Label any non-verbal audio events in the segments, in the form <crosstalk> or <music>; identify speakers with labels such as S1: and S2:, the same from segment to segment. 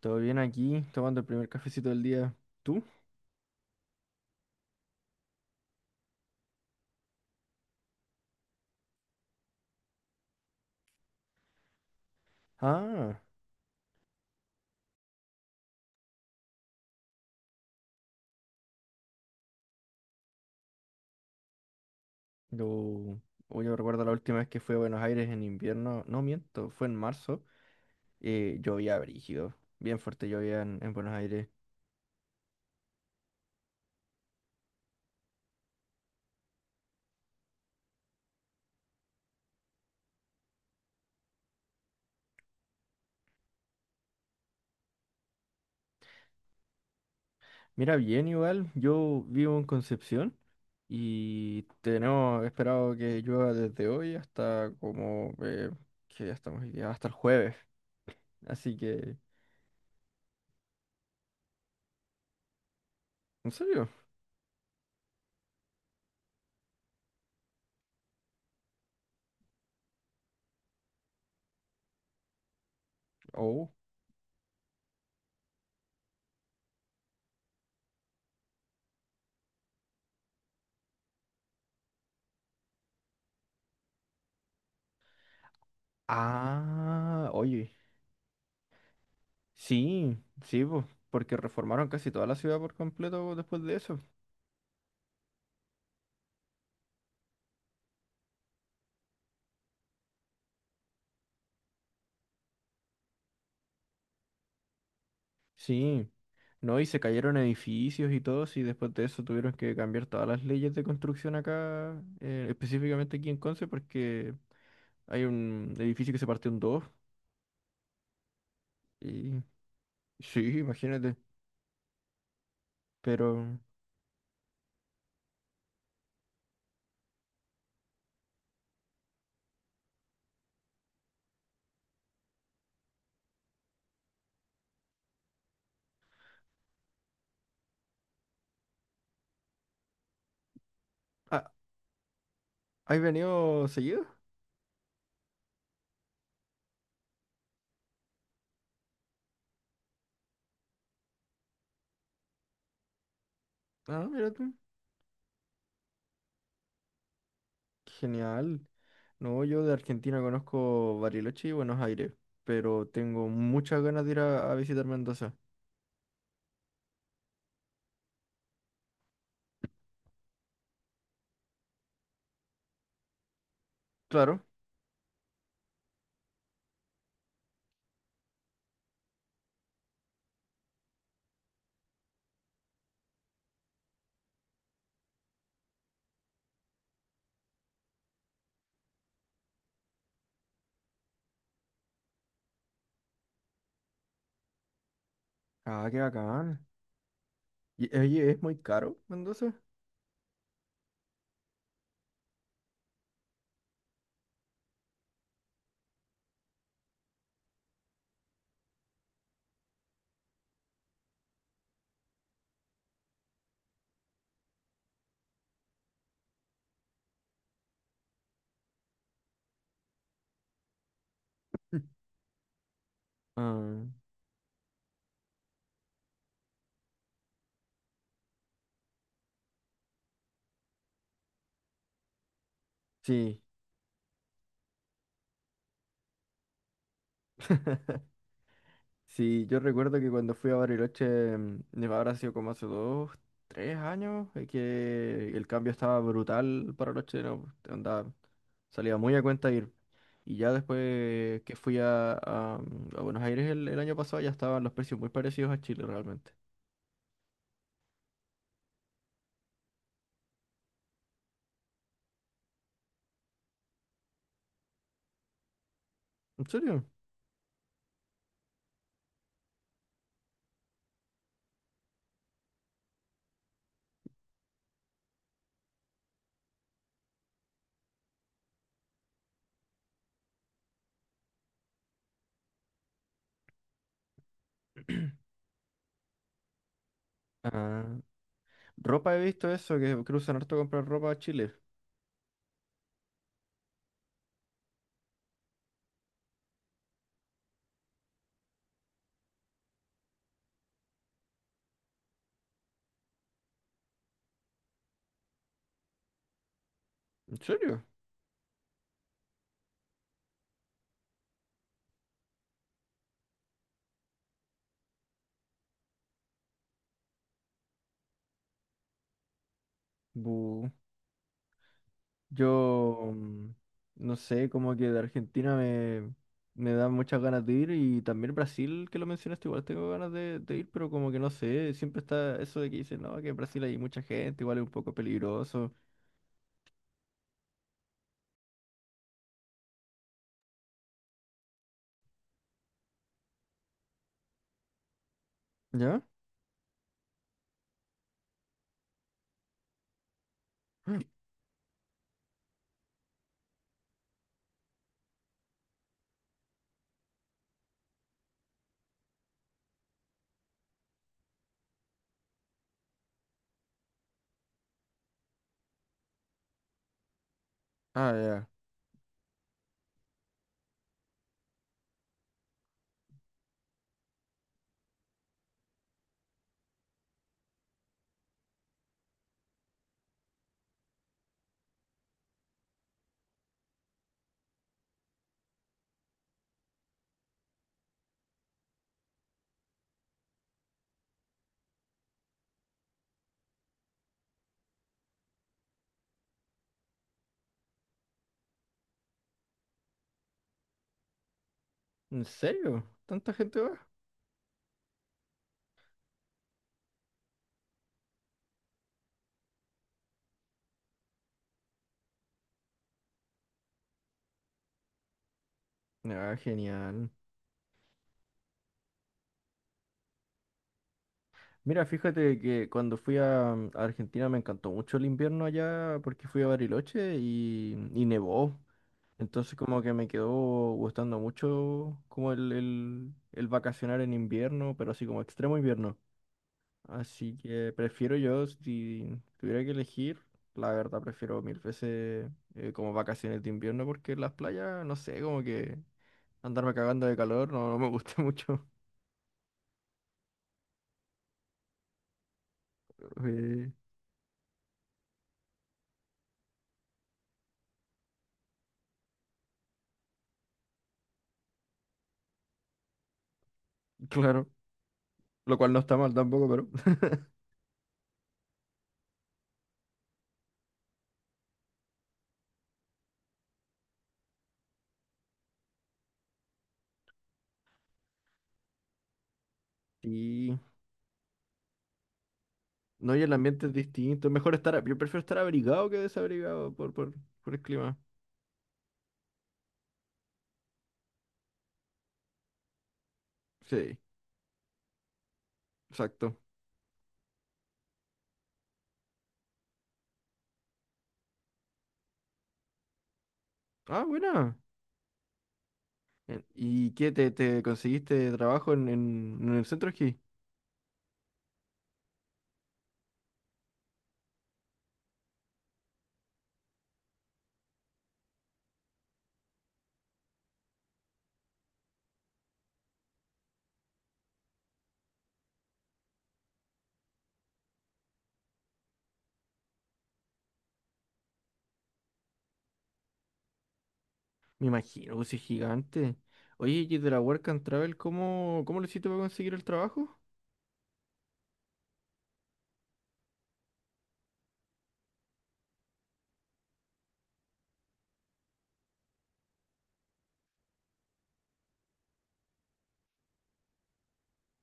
S1: Todo bien aquí, tomando el primer cafecito del día. ¿Tú? Ah, yo, oh, yo recuerdo la última vez que fui a Buenos Aires en invierno. No miento, fue en marzo. Llovía brígido, bien fuerte llovía en Buenos Aires. Mira, bien igual, yo vivo en Concepción y tenemos esperado que llueva desde hoy hasta como que ya estamos hoy día, hasta el jueves. Así que, ¿en serio? Oh. Ah, oye. Sí, sí, po, porque reformaron casi toda la ciudad por completo después de eso. Sí, no, y se cayeron edificios y todo, y después de eso tuvieron que cambiar todas las leyes de construcción acá, específicamente aquí en Conce, porque hay un edificio que se partió en dos. Y sí, imagínate, pero... Ah, ¿has venido seguido? Ah, mira tú. Genial. No, yo de Argentina conozco Bariloche y Buenos Aires, pero tengo muchas ganas de ir a visitar Mendoza. Claro. Ah, qué bacán. Y, oye, ¿es muy caro Mendoza? <laughs> Ah, sí. <laughs> Sí, yo recuerdo que cuando fui a Bariloche, habrá sido como hace dos, tres años, que el cambio estaba brutal para los chilenos, pues, andaba, salía muy a cuenta ir. Y ya después que fui a, a Buenos Aires el año pasado, ya estaban los precios muy parecidos a Chile realmente. ¿En serio? <clears throat> Ah, ropa he visto eso, que cruzan harto comprar ropa a Chile. ¿En serio? Bu. Yo, no sé, como que de Argentina me da muchas ganas de ir y también Brasil, que lo mencionaste, igual tengo ganas de ir, pero como que no sé, siempre está eso de que dicen, no, que en Brasil hay mucha gente, igual es un poco peligroso. ¿Ya? <gasps> Ah, ya. ¿En serio? ¿Tanta gente va? Ah, genial. Mira, fíjate que cuando fui a Argentina me encantó mucho el invierno allá porque fui a Bariloche y nevó. Entonces como que me quedó gustando mucho como el vacacionar en invierno, pero así como extremo invierno. Así que prefiero yo, si tuviera que elegir, la verdad prefiero mil veces como vacaciones de invierno porque las playas, no sé, como que andarme cagando de calor no me gusta <laughs> mucho. Eh, claro, lo cual no está mal tampoco, pero <laughs> sí. No, y el ambiente es distinto. Es mejor estar, yo prefiero estar abrigado que desabrigado por el clima. Sí, exacto. Ah, buena. ¿Y qué te conseguiste trabajo en el centro aquí? Me imagino, pues si es gigante. Oye, y de la Work and Travel, ¿cómo, cómo lo hiciste para conseguir el trabajo?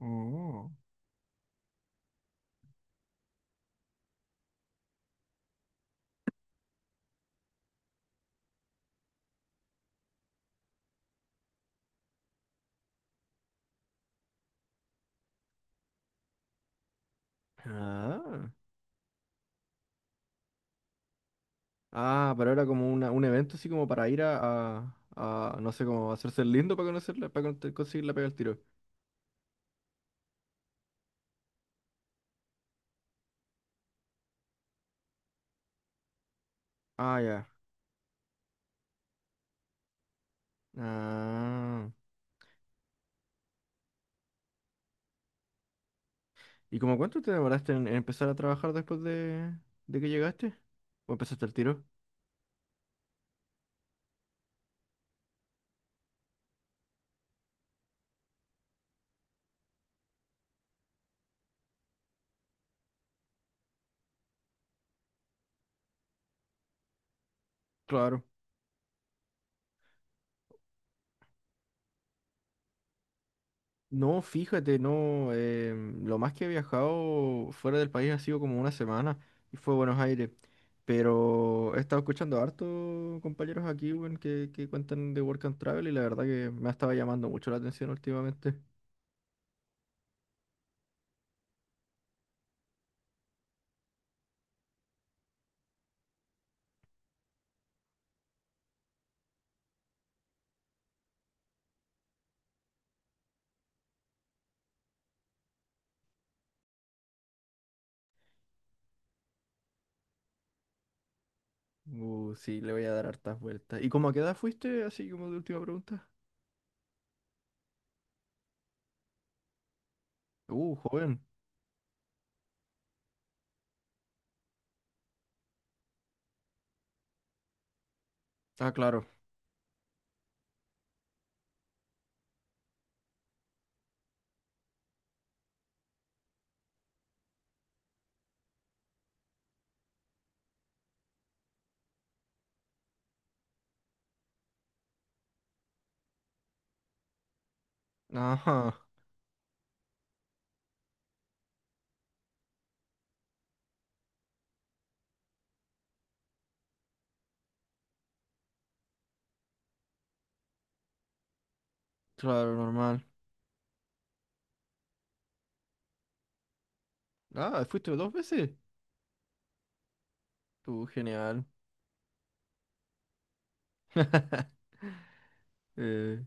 S1: Oh. Ah, ah, pero era como una, un evento así como para ir no sé, como hacerse el lindo para conocerla, para conseguir la pega al tiro. Ah, ya. Ah. ¿Y como cuánto te demoraste en empezar a trabajar después de que llegaste? ¿O empezaste el tiro? Claro. No, fíjate, no. Lo más que he viajado fuera del país ha sido como una semana y fue Buenos Aires. Pero he estado escuchando harto compañeros aquí, weón, que cuentan de Work and Travel y la verdad que me ha estado llamando mucho la atención últimamente. Sí, le voy a dar hartas vueltas. ¿Y cómo a qué edad fuiste? Así como de última pregunta. Joven. Ah, claro. Ajá, claro, normal. Ah, ¿fuiste dos veces? Tú, genial. <laughs> Eh,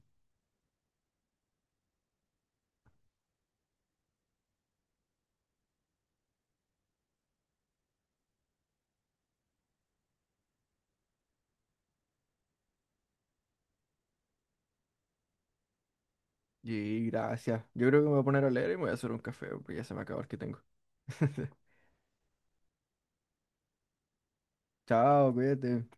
S1: Y gracias. Yo creo que me voy a poner a leer y me voy a hacer un café porque ya se me acabó el que tengo. <laughs> Chao, cuídate.